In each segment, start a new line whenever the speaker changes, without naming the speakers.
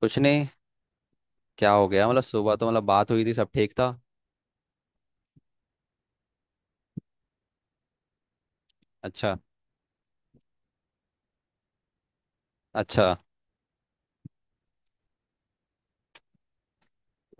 कुछ नहीं। क्या हो गया? मतलब सुबह तो मतलब बात हुई थी, सब ठीक था। अच्छा। अच्छा।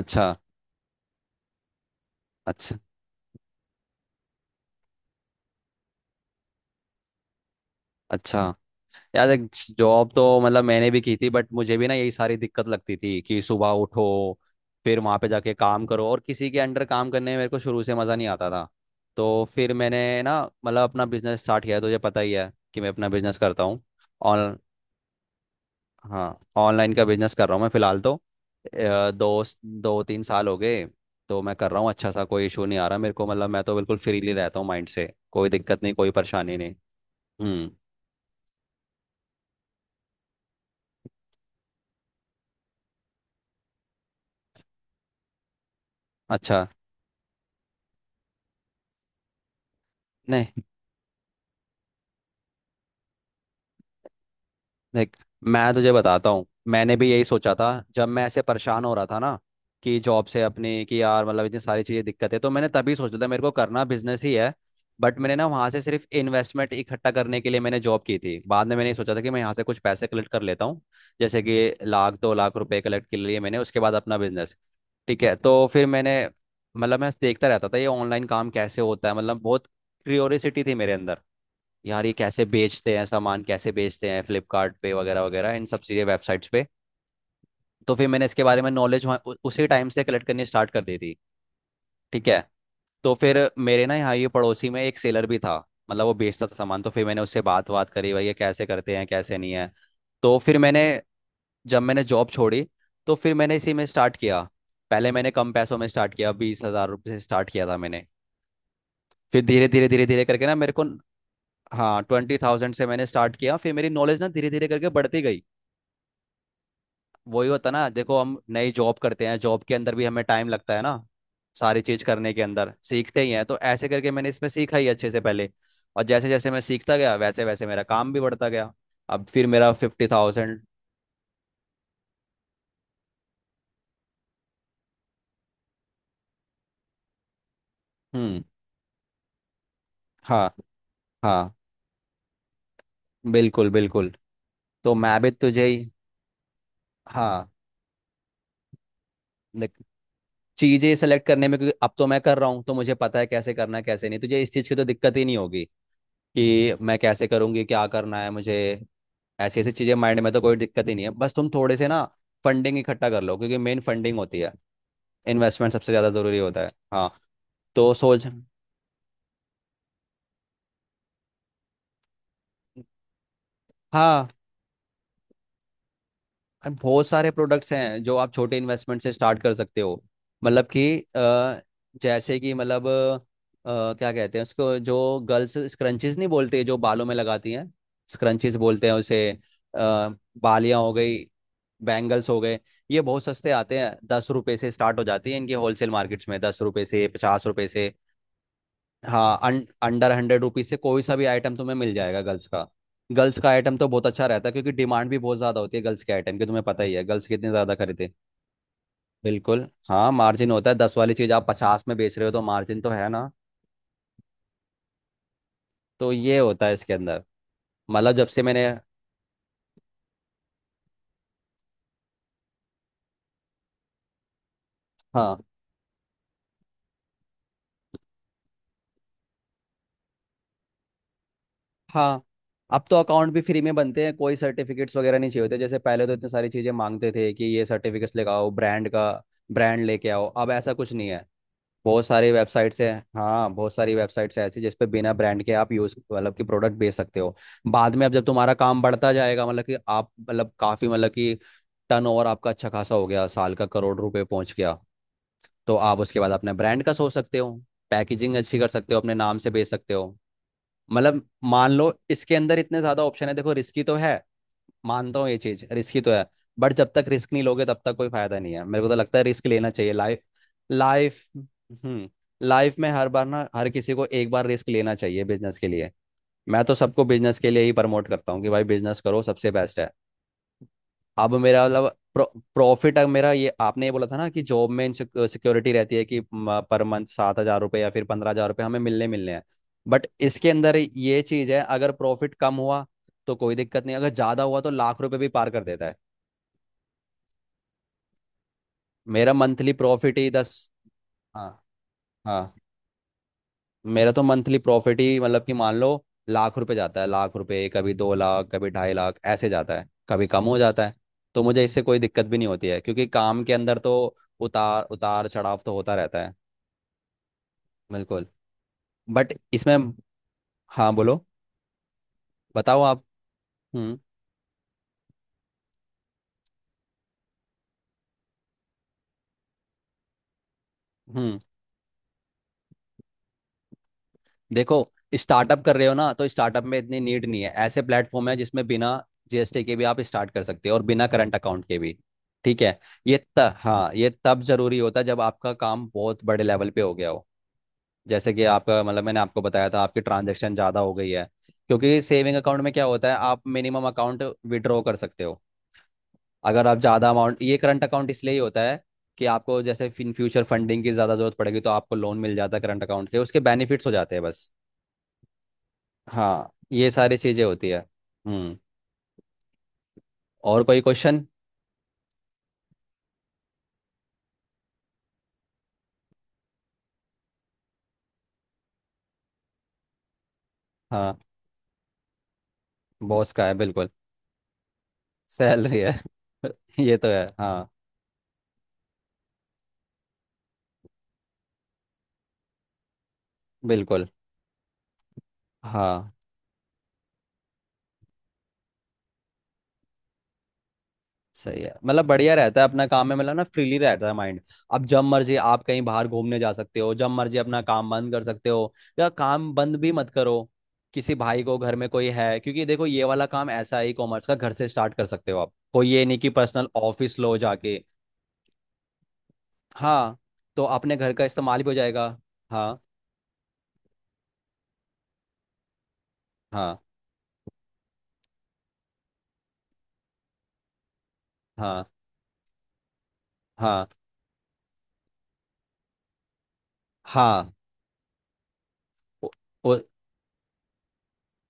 अच्छा। अच्छा। अच्छा। यार, एक जॉब तो मतलब मैंने भी की थी, बट मुझे भी ना यही सारी दिक्कत लगती थी कि सुबह उठो, फिर वहां पे जाके काम करो, और किसी के अंडर काम करने में मेरे को शुरू से मज़ा नहीं आता था। तो फिर मैंने ना मतलब अपना बिजनेस स्टार्ट किया, तो ये पता ही है कि मैं अपना बिजनेस करता हूँ। हाँ, ऑनलाइन का बिजनेस कर रहा हूँ मैं फिलहाल तो 2-3 साल हो गए। तो मैं कर रहा हूँ अच्छा सा, कोई इशू नहीं आ रहा मेरे को, मतलब मैं तो बिल्कुल फ्रीली रहता हूँ, माइंड से कोई दिक्कत नहीं, कोई परेशानी नहीं। हम्म। अच्छा। नहीं, देख, मैं तुझे बताता हूँ, मैंने भी यही सोचा था। जब मैं ऐसे परेशान हो रहा था ना कि जॉब से अपने, कि यार मतलब इतनी सारी चीज़ें दिक्कत है, तो मैंने तभी सोचा था मेरे को करना बिजनेस ही है। बट मैंने ना वहाँ से सिर्फ इन्वेस्टमेंट इकट्ठा करने के लिए मैंने जॉब की थी, बाद में मैंने ये सोचा था कि मैं यहाँ से कुछ पैसे कलेक्ट कर लेता हूँ। जैसे कि 1-2 लाख रुपए कलेक्ट के लिए मैंने, उसके बाद अपना बिजनेस। ठीक है, तो फिर मैंने मतलब मैं देखता रहता था ये ऑनलाइन काम कैसे होता है, मतलब बहुत क्यूरियोसिटी थी मेरे अंदर, यार ये कैसे बेचते हैं सामान, कैसे बेचते हैं फ्लिपकार्ट पे वगैरह वगैरह इन सब चीज़ें वेबसाइट्स पे। तो फिर मैंने इसके बारे में नॉलेज उसी टाइम से कलेक्ट करनी स्टार्ट कर दी थी। ठीक है, तो फिर मेरे ना यहाँ ये पड़ोसी में एक सेलर भी था, मतलब वो बेचता था सामान। तो फिर मैंने उससे बात बात करी, भाई ये कैसे करते हैं, कैसे नहीं है। तो फिर मैंने जब मैंने जॉब छोड़ी, तो फिर मैंने इसी में स्टार्ट किया। पहले मैंने कम पैसों में स्टार्ट किया, 20,000 रुपये से स्टार्ट किया था मैंने। फिर धीरे धीरे धीरे धीरे करके ना मेरे को, हाँ, 20,000 से मैंने स्टार्ट किया, फिर मेरी नॉलेज ना धीरे धीरे करके बढ़ती गई। वही होता ना, देखो हम नई जॉब करते हैं, जॉब के अंदर भी हमें टाइम लगता है ना, सारी चीज करने के अंदर सीखते ही हैं। तो ऐसे करके मैंने इसमें सीखा ही अच्छे से पहले, और जैसे जैसे मैं सीखता गया वैसे वैसे मेरा काम भी बढ़ता गया। अब फिर मेरा 50,000। हम्म। हाँ। हाँ, बिल्कुल बिल्कुल। तो मैं भी तुझे ही। हाँ, देख, चीजें सेलेक्ट करने में, क्योंकि अब तो मैं कर रहा हूँ तो मुझे पता है कैसे करना है कैसे नहीं, तुझे इस चीज की तो दिक्कत ही नहीं होगी कि मैं कैसे करूँगी क्या करना है मुझे। ऐसी ऐसी चीज़ें माइंड में तो कोई दिक्कत ही नहीं है, बस तुम थोड़े से ना फंडिंग इकट्ठा कर लो, क्योंकि मेन फंडिंग होती है, इन्वेस्टमेंट सबसे ज़्यादा ज़रूरी होता है। हाँ, तो सोच। हाँ, और बहुत सारे प्रोडक्ट्स हैं जो आप छोटे इन्वेस्टमेंट से स्टार्ट कर सकते हो। मतलब कि जैसे कि मतलब क्या कहते हैं उसको, जो गर्ल्स स्क्रंचीज, नहीं बोलते जो बालों में लगाती हैं, स्क्रंचीज बोलते हैं उसे। आ, बालियाँ हो गई, बैंगल्स हो गए। ये बहुत सस्ते आते हैं, 10 रुपए से स्टार्ट हो जाती है इनकी होलसेल मार्केट्स में, 10 रुपए से 50 रुपए से। हाँ, अंडर 100 रुपीज से कोई सा भी आइटम तुम्हें मिल जाएगा गर्ल्स का। गर्ल्स का आइटम तो बहुत अच्छा रहता है, क्योंकि डिमांड भी बहुत ज्यादा होती है गर्ल्स के आइटम की, तुम्हें पता ही है गर्ल्स कितने ज्यादा खरीदते हैं। बिल्कुल हाँ, मार्जिन होता है, दस वाली चीज आप पचास में बेच रहे हो तो मार्जिन तो है ना। तो ये होता है इसके अंदर। मतलब जब से मैंने। हाँ। हाँ, अब तो अकाउंट भी फ्री में बनते हैं, कोई सर्टिफिकेट्स वगैरह नहीं चाहिए होते, जैसे पहले तो इतनी सारी चीजें मांगते थे कि ये सर्टिफिकेट्स लेके आओ, ब्रांड का ब्रांड लेके आओ। अब ऐसा कुछ नहीं है, बहुत सारी वेबसाइट्स है। हाँ, बहुत सारी वेबसाइट्स है ऐसी जिस पे बिना ब्रांड के आप यूज मतलब कि प्रोडक्ट बेच सकते हो। बाद में अब जब तुम्हारा काम बढ़ता जाएगा, मतलब कि आप मतलब काफी मतलब कि टर्न ओवर आपका अच्छा खासा हो गया, साल का करोड़ रुपए पहुंच गया, तो आप उसके बाद अपने ब्रांड का सोच सकते हो, पैकेजिंग अच्छी कर सकते हो, अपने नाम से बेच सकते हो। मतलब मान लो इसके अंदर इतने ज्यादा ऑप्शन है। देखो, रिस्की तो है, मानता हूँ ये चीज रिस्की तो है, बट जब तक रिस्क नहीं लोगे तब तक कोई फायदा नहीं है। मेरे को तो लगता है रिस्क लेना चाहिए। लाइफ लाइफ में हर बार ना हर किसी को एक बार रिस्क लेना चाहिए बिजनेस के लिए। मैं तो सबको बिजनेस के लिए ही प्रमोट करता हूँ कि भाई बिजनेस करो, सबसे बेस्ट है। अब मेरा मतलब प्रॉफिट, अब मेरा ये आपने ये बोला था ना कि जॉब में सिक्योरिटी रहती है कि पर मंथ 7,000 रुपये या फिर 15,000 रुपये हमें मिलने मिलने हैं। बट इसके अंदर ये चीज़ है, अगर प्रॉफिट कम हुआ तो कोई दिक्कत नहीं, अगर ज़्यादा हुआ तो लाख रुपये भी पार कर देता है। मेरा मंथली प्रॉफिट ही दस। हाँ। हाँ, मेरा तो मंथली प्रॉफिट ही मतलब कि मान लो लाख रुपए जाता है, लाख रुपए, कभी 2 लाख, कभी 2.5 लाख ऐसे जाता है, कभी कम हो जाता है। तो मुझे इससे कोई दिक्कत भी नहीं होती है, क्योंकि काम के अंदर तो उतार उतार चढ़ाव तो होता रहता है। बिल्कुल, बट इसमें। हाँ, बोलो। बताओ आप। हम्म। हम्म। देखो, स्टार्टअप कर रहे हो ना, तो स्टार्टअप में इतनी नीड नहीं है, ऐसे प्लेटफॉर्म है जिसमें बिना जीएसटी के भी आप स्टार्ट कर सकते हो और बिना करंट अकाउंट के भी। ठीक है। हाँ, ये तब जरूरी होता है जब आपका काम बहुत बड़े लेवल पे हो गया हो, जैसे कि आपका मतलब मैंने आपको बताया था आपकी ट्रांजैक्शन ज़्यादा हो गई है। क्योंकि सेविंग अकाउंट में क्या होता है, आप मिनिमम अकाउंट विड्रॉ कर सकते हो, अगर आप ज़्यादा अमाउंट, ये करंट अकाउंट इसलिए ही होता है कि आपको जैसे इन फ्यूचर फंडिंग की ज़्यादा ज़रूरत पड़ेगी तो आपको लोन मिल जाता है करंट अकाउंट के, उसके बेनिफिट्स हो जाते हैं बस। हाँ, ये सारी चीज़ें होती है। हम्म, और कोई क्वेश्चन? हाँ, बॉस का है बिल्कुल। सैलरी है। ये तो है हाँ। बिल्कुल हाँ। सही है, मतलब बढ़िया रहता है, अपना काम में मतलब ना फ्रीली रहता है माइंड। अब जब मर्जी आप कहीं बाहर घूमने जा सकते हो, जब मर्जी अपना काम बंद कर सकते हो, या काम बंद भी मत करो, किसी भाई को घर में कोई है, क्योंकि देखो ये वाला काम ऐसा है, ई कॉमर्स का, घर से स्टार्ट कर सकते हो आप, कोई ये नहीं कि पर्सनल ऑफिस लो जाके। हाँ, तो अपने घर का इस्तेमाल भी हो जाएगा। हाँ। हाँ। हाँ। हाँ। हाँ।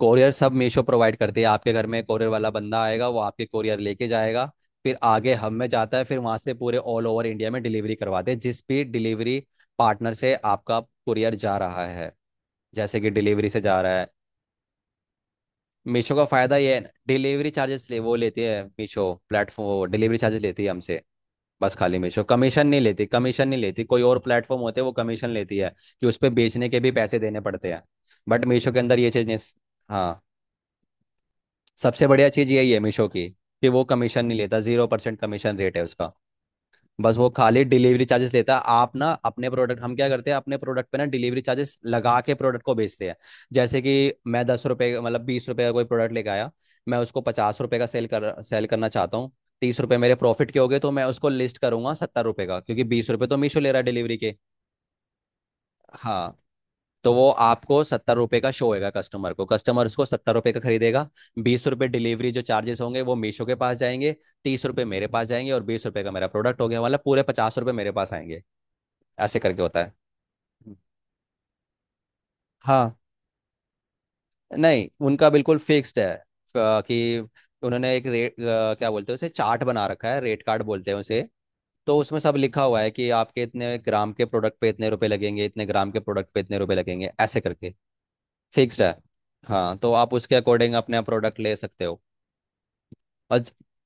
कोरियर सब मीशो प्रोवाइड करती है, आपके घर में कोरियर वाला बंदा आएगा, वो आपके कोरियर लेके जाएगा। फिर आगे हम में जाता है, फिर वहां से पूरे ऑल ओवर इंडिया में डिलीवरी करवाते हैं, जिस भी डिलीवरी पार्टनर से आपका कुरियर जा रहा है, जैसे कि डिलीवरी से जा रहा है। मीशो का फायदा ये है, डिलीवरी चार्जेस ले, वो लेती है, मीशो प्लेटफॉर्म डिलीवरी चार्जेस लेती है हमसे। बस खाली मीशो कमीशन नहीं लेती, कमीशन नहीं लेती, कोई और प्लेटफॉर्म होते हैं वो कमीशन लेती है कि उस पर बेचने के भी पैसे देने पड़ते हैं, बट मीशो के अंदर ये चीज़ नहीं। हाँ, सबसे बढ़िया चीज यही है मीशो की, कि वो कमीशन नहीं लेता, 0% कमीशन रेट है उसका। बस वो खाली डिलीवरी चार्जेस लेता है। आप ना अपने प्रोडक्ट, हम क्या करते हैं अपने प्रोडक्ट पे ना डिलीवरी चार्जेस लगा के प्रोडक्ट को बेचते हैं। जैसे कि मैं 10 रुपये मतलब 20 रुपये का कोई प्रोडक्ट लेके आया, मैं उसको 50 रुपये का सेल करना चाहता हूँ, 30 रुपये मेरे प्रॉफिट के हो गए, तो मैं उसको लिस्ट करूंगा 70 रुपये का, क्योंकि 20 रुपये तो मीशो ले रहा है डिलीवरी के। हाँ, तो वो आपको 70 रुपए का शो होएगा कस्टमर को, कस्टमर उसको 70 रुपए का खरीदेगा। 20 रुपए डिलीवरी जो चार्जेस होंगे वो मीशो के पास जाएंगे, 30 रुपए मेरे पास जाएंगे, और 20 रुपए का मेरा प्रोडक्ट हो गया, मतलब पूरे 50 रुपए मेरे पास आएंगे। ऐसे करके होता है। हाँ, नहीं, उनका बिल्कुल फिक्स्ड है, कि उन्होंने एक रेट, क्या बोलते हैं उसे, चार्ट बना रखा है, रेट कार्ड बोलते हैं उसे। तो उसमें सब लिखा हुआ है कि आपके इतने ग्राम के प्रोडक्ट पे इतने रुपए लगेंगे, इतने ग्राम के प्रोडक्ट पे इतने रुपए लगेंगे, ऐसे करके फिक्स्ड है। हाँ, तो आप उसके अकॉर्डिंग अपने प्रोडक्ट ले सकते हो। और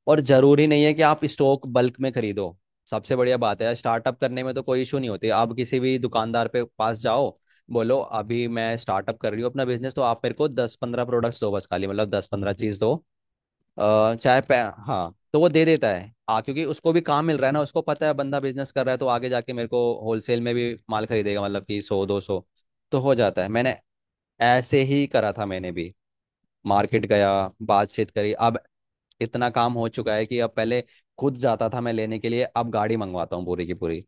और जरूरी नहीं है कि आप स्टॉक बल्क में खरीदो, सबसे बढ़िया बात है, स्टार्टअप करने में तो कोई इशू नहीं होती, आप किसी भी दुकानदार पे पास जाओ, बोलो अभी मैं स्टार्टअप कर रही हूँ अपना बिजनेस, तो आप मेरे को 10-15 प्रोडक्ट्स दो बस खाली, मतलब 10-15 चीज दो। हाँ, तो वो दे देता है आ क्योंकि उसको भी काम मिल रहा है ना, उसको पता है बंदा बिजनेस कर रहा है तो आगे जाके मेरे को होलसेल में भी माल खरीदेगा मतलब कि 100-200। तो हो जाता है। मैंने ऐसे ही करा था मैंने भी। मार्केट गया, बातचीत करी, अब इतना काम हो चुका है कि अब पहले खुद जाता था मैं लेने के लिए, अब गाड़ी मंगवाता हूँ पूरी की पूरी।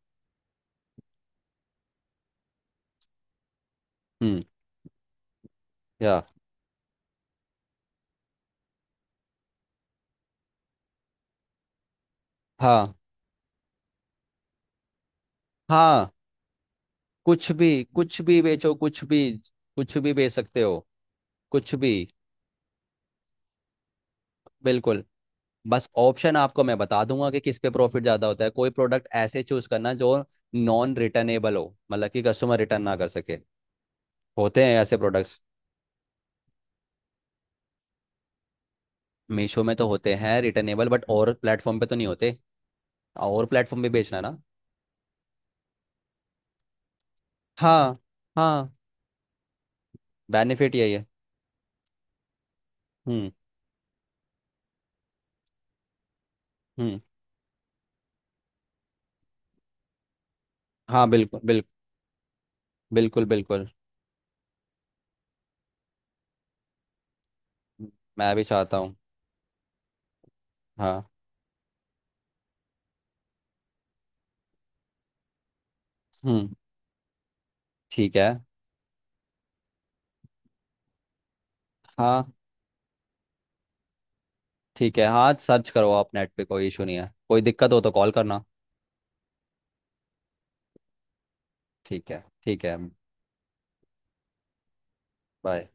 हम्म। या। हाँ। हाँ। कुछ भी, कुछ भी बेचो, कुछ भी, कुछ भी बेच सकते हो, कुछ भी। बिल्कुल, बस ऑप्शन आपको मैं बता दूंगा कि किस पे प्रॉफिट ज्यादा होता है। कोई प्रोडक्ट ऐसे चूज करना जो नॉन रिटर्नेबल हो, मतलब कि कस्टमर रिटर्न ना कर सके, होते हैं ऐसे प्रोडक्ट्स। मीशो में तो होते हैं रिटर्नेबल, बट और प्लेटफॉर्म पे तो नहीं होते, और प्लेटफॉर्म पे बेचना ना। हाँ। हाँ, बेनिफिट यही है। हम्म। हम्म। हाँ, बिल्कुल बिल्कुल, बिल्कुल बिल्कुल। मैं भी चाहता हूँ। हाँ। हम्म। ठीक है। हाँ। ठीक है, हाँ सर्च करो आप नेट पे, कोई इशू नहीं है, कोई दिक्कत हो तो कॉल करना। ठीक है, ठीक है। बाय।